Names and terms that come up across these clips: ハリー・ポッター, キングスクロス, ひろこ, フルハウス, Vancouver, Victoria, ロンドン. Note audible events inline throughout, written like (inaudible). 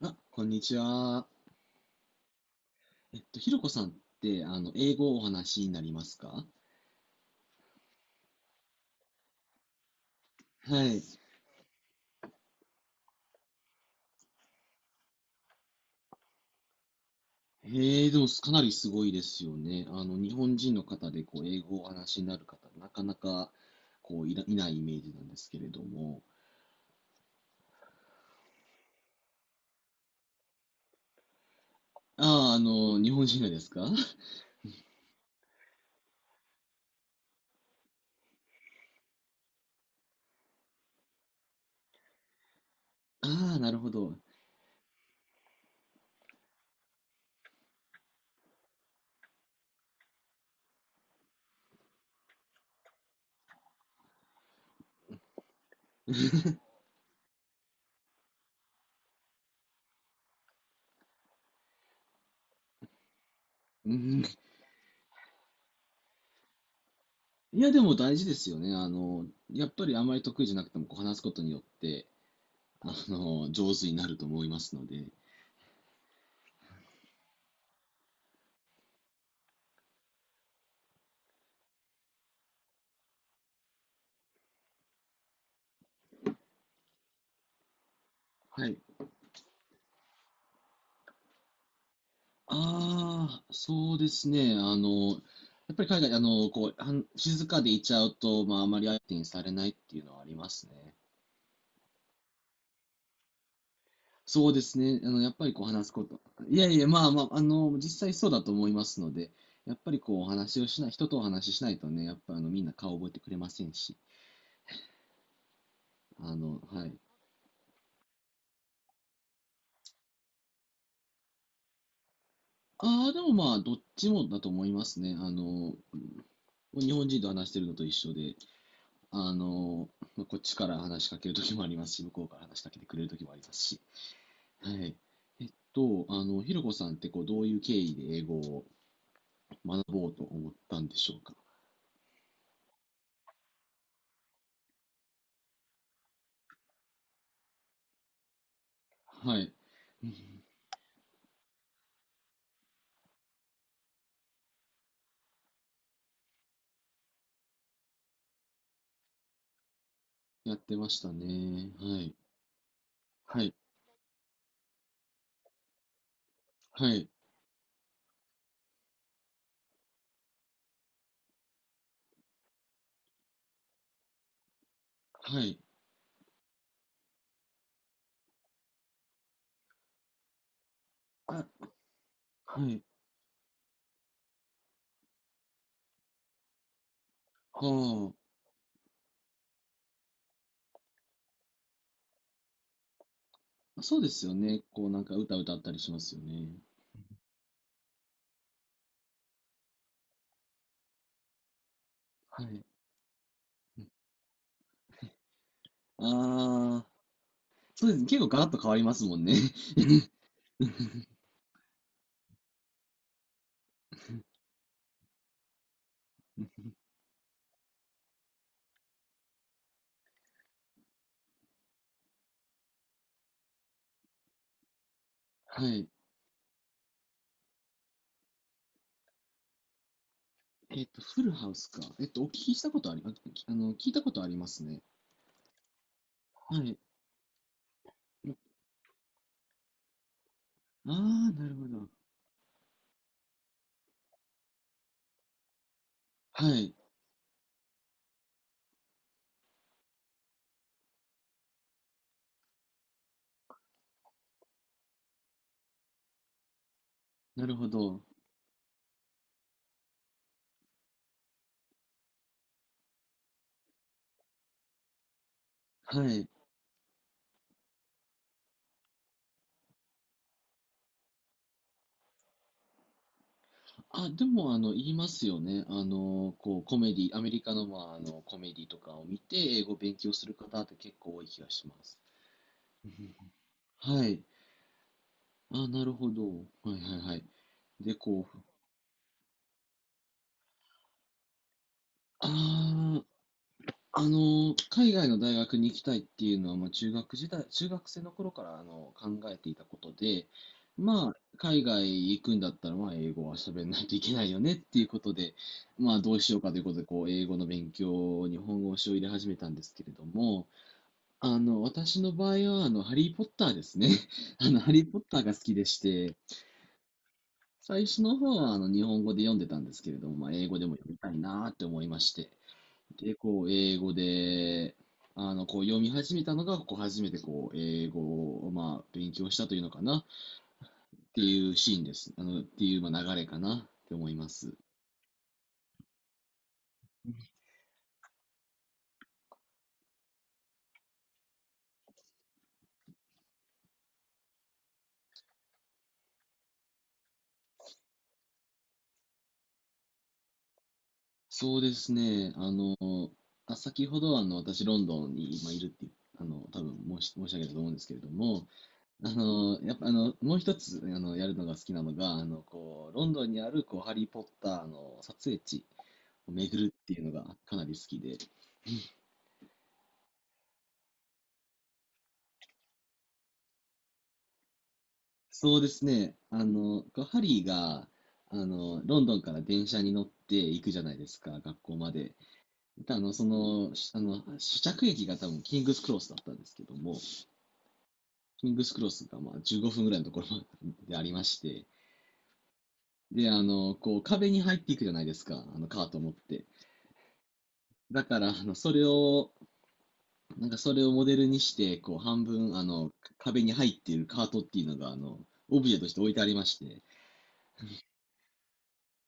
あ、こんにちは。ひろこさんって、英語をお話しになりますか？はい。へえ、でも、かなりすごいですよね。日本人の方で、英語をお話しになる方、なかなか、いないイメージなんですけれども。ああ、日本人がですか？ (laughs) ああ、なるほど。うん。いや、でも大事ですよね。やっぱりあまり得意じゃなくても、こう、話すことによって、上手になると思いますので。はい。ああ、そうですね。やっぱり海外、はん静かでいちゃうと、まあ、あまり相手にされないっていうのはありますね。そうですね。やっぱりこう話すこと。いやいや、まあまあ、実際そうだと思いますので、やっぱりこう、お話をしない、人とお話ししないとね、やっぱみんな顔覚えてくれませんし。はい。ああ、でもまあ、どっちもだと思いますね。日本人と話してるのと一緒で、あの、まあこっちから話しかけるときもありますし、向こうから話しかけてくれるときもありますし。はい。えっひろこさんってこう、どういう経緯で英語を学ぼうと思ったんでしょうか。はい。うんやってましたね。はい。はい。はい。はい。あ、はい。はあ。そうですよね。こう、なんか歌歌ったりしますよね。はい。ああ、そうですね。結構ガラッと変わりますもんね。(laughs) はい。フルハウスか。お聞きしたことあり、あ、きあの、聞いたことありますね。はい。ああ、なるほど。はい。なるほど。はい。あ、でも、言いますよね。コメディ、アメリカの、まあ、コメディとかを見て、英語を勉強する方って結構多い気がします。はい。あ、なるほど。はいはいはい。で、こう、あ海外の大学に行きたいっていうのは、まあ、中学時代、中学生の頃からあの考えていたことで、まあ、海外行くんだったら、まあ、英語は喋んないといけないよねっていうことで、まあ、どうしようかということで、こう、英語の勉強、日本語を入れ始めたんですけれども、私の場合は、ハリー・ポッターですね。(laughs) ハリー・ポッターが好きでして、最初の方は、日本語で読んでたんですけれども、まあ、英語でも読みたいなーって思いまして、で、こう、英語で、読み始めたのが、こう、初めて、こう、英語を、まあ、勉強したというのかな、っていうシーンです。っていう、まあ、流れかな、って思います。そうですね、あ、先ほど、私、ロンドンに今いるっていう、多分申し上げたと思うんですけれども、やっぱ、もう一つ、やるのが好きなのが、ロンドンにある、こう、ハリー・ポッターの撮影地を巡るっていうのが、かなり好きで、そうですね。こうハリーが、ロンドンから電車に乗って行くじゃないですか、学校まで。であの、その、しあの、試着駅が多分キングスクロスだったんですけども、キングスクロスがまあ15分ぐらいのところまででありまして、で、こう壁に入っていくじゃないですか、あのカートを持って。だから、それをモデルにして、こう半分、壁に入っているカートっていうのが、オブジェとして置いてありまして、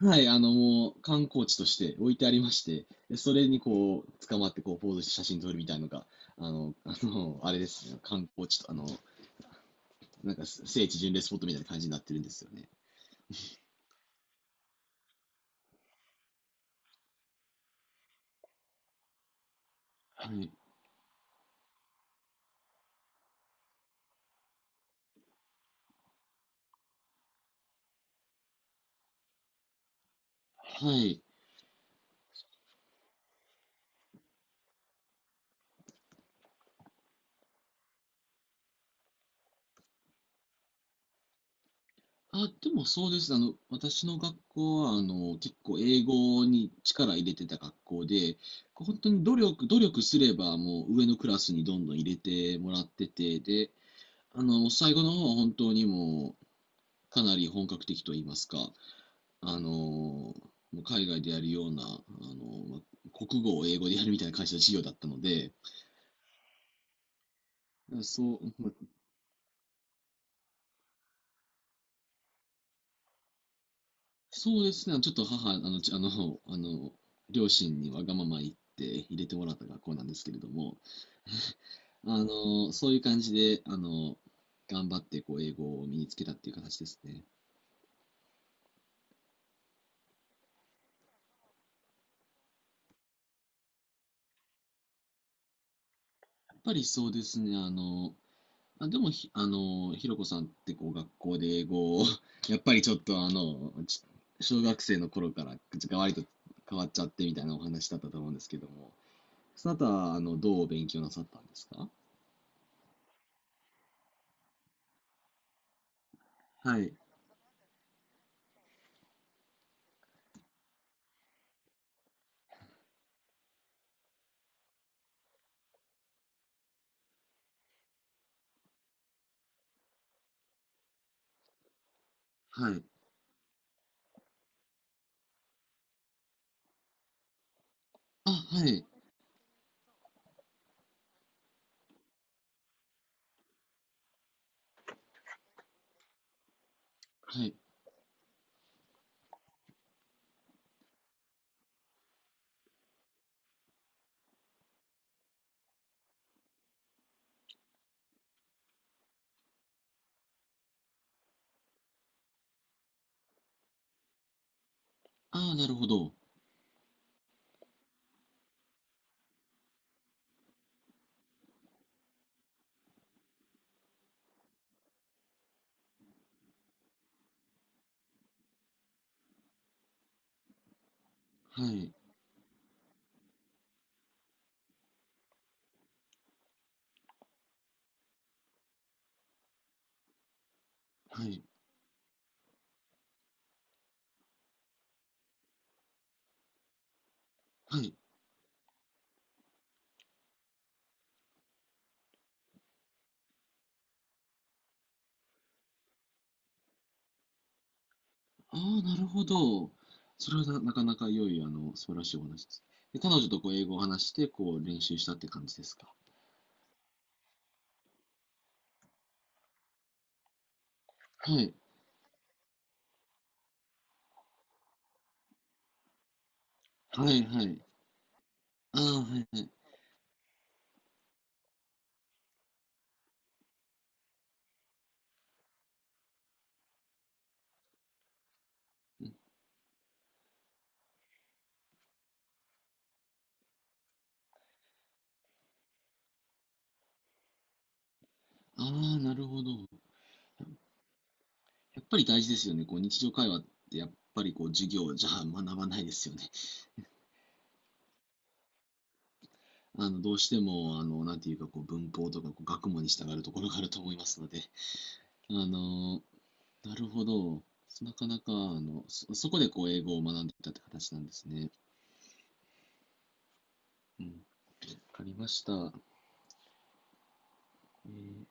はい、もう観光地として置いてありまして、でそれにこう、捕まってこう、ポーズして写真撮るみたいなのが、あれですね、観光地と、なんか聖地巡礼スポットみたいな感じになってるんですよね。はい。はい。あ、でもそうです。私の学校は、結構英語に力入れてた学校で、こう本当に努力すればもう上のクラスにどんどん入れてもらってて、で、最後の方は本当にもう、かなり本格的と言いますか、あのー海外でやるような、国語を英語でやるみたいな会社の授業だったので、そう、そうですね、ちょっと母、あの、あの、あの、両親にわがまま言って入れてもらった学校なんですけれども、あのそういう感じで、頑張ってこう英語を身につけたっていう形ですね。やっぱりそうですね、あ、でもひ、あの、ひろこさんってこう学校で英語を (laughs) やっぱりちょっと小学生の頃からがわりと変わっちゃってみたいなお話だったと思うんですけども、その後はどう勉強なさったんですか？はい、はい。あ、はい、はい。ああ、なるほど。はい、はい、はい。ああ、なるほど。それはなかなか良い、素晴らしいお話です。で、彼女とこう英語を話して、こう練習したって感じですか？はい、はい、はい。ああ、はい、はい。ああ、なるほど。やっぱり大事ですよね。こう日常会話ってやっぱりこう授業じゃ学ばないですよね。あのどうしてもなんていうかこう文法とかこう学問に従うところがあると思いますので、あのなるほど。なかなかそこでこう英語を学んでいたって形なんですね。うん、わかりました。えー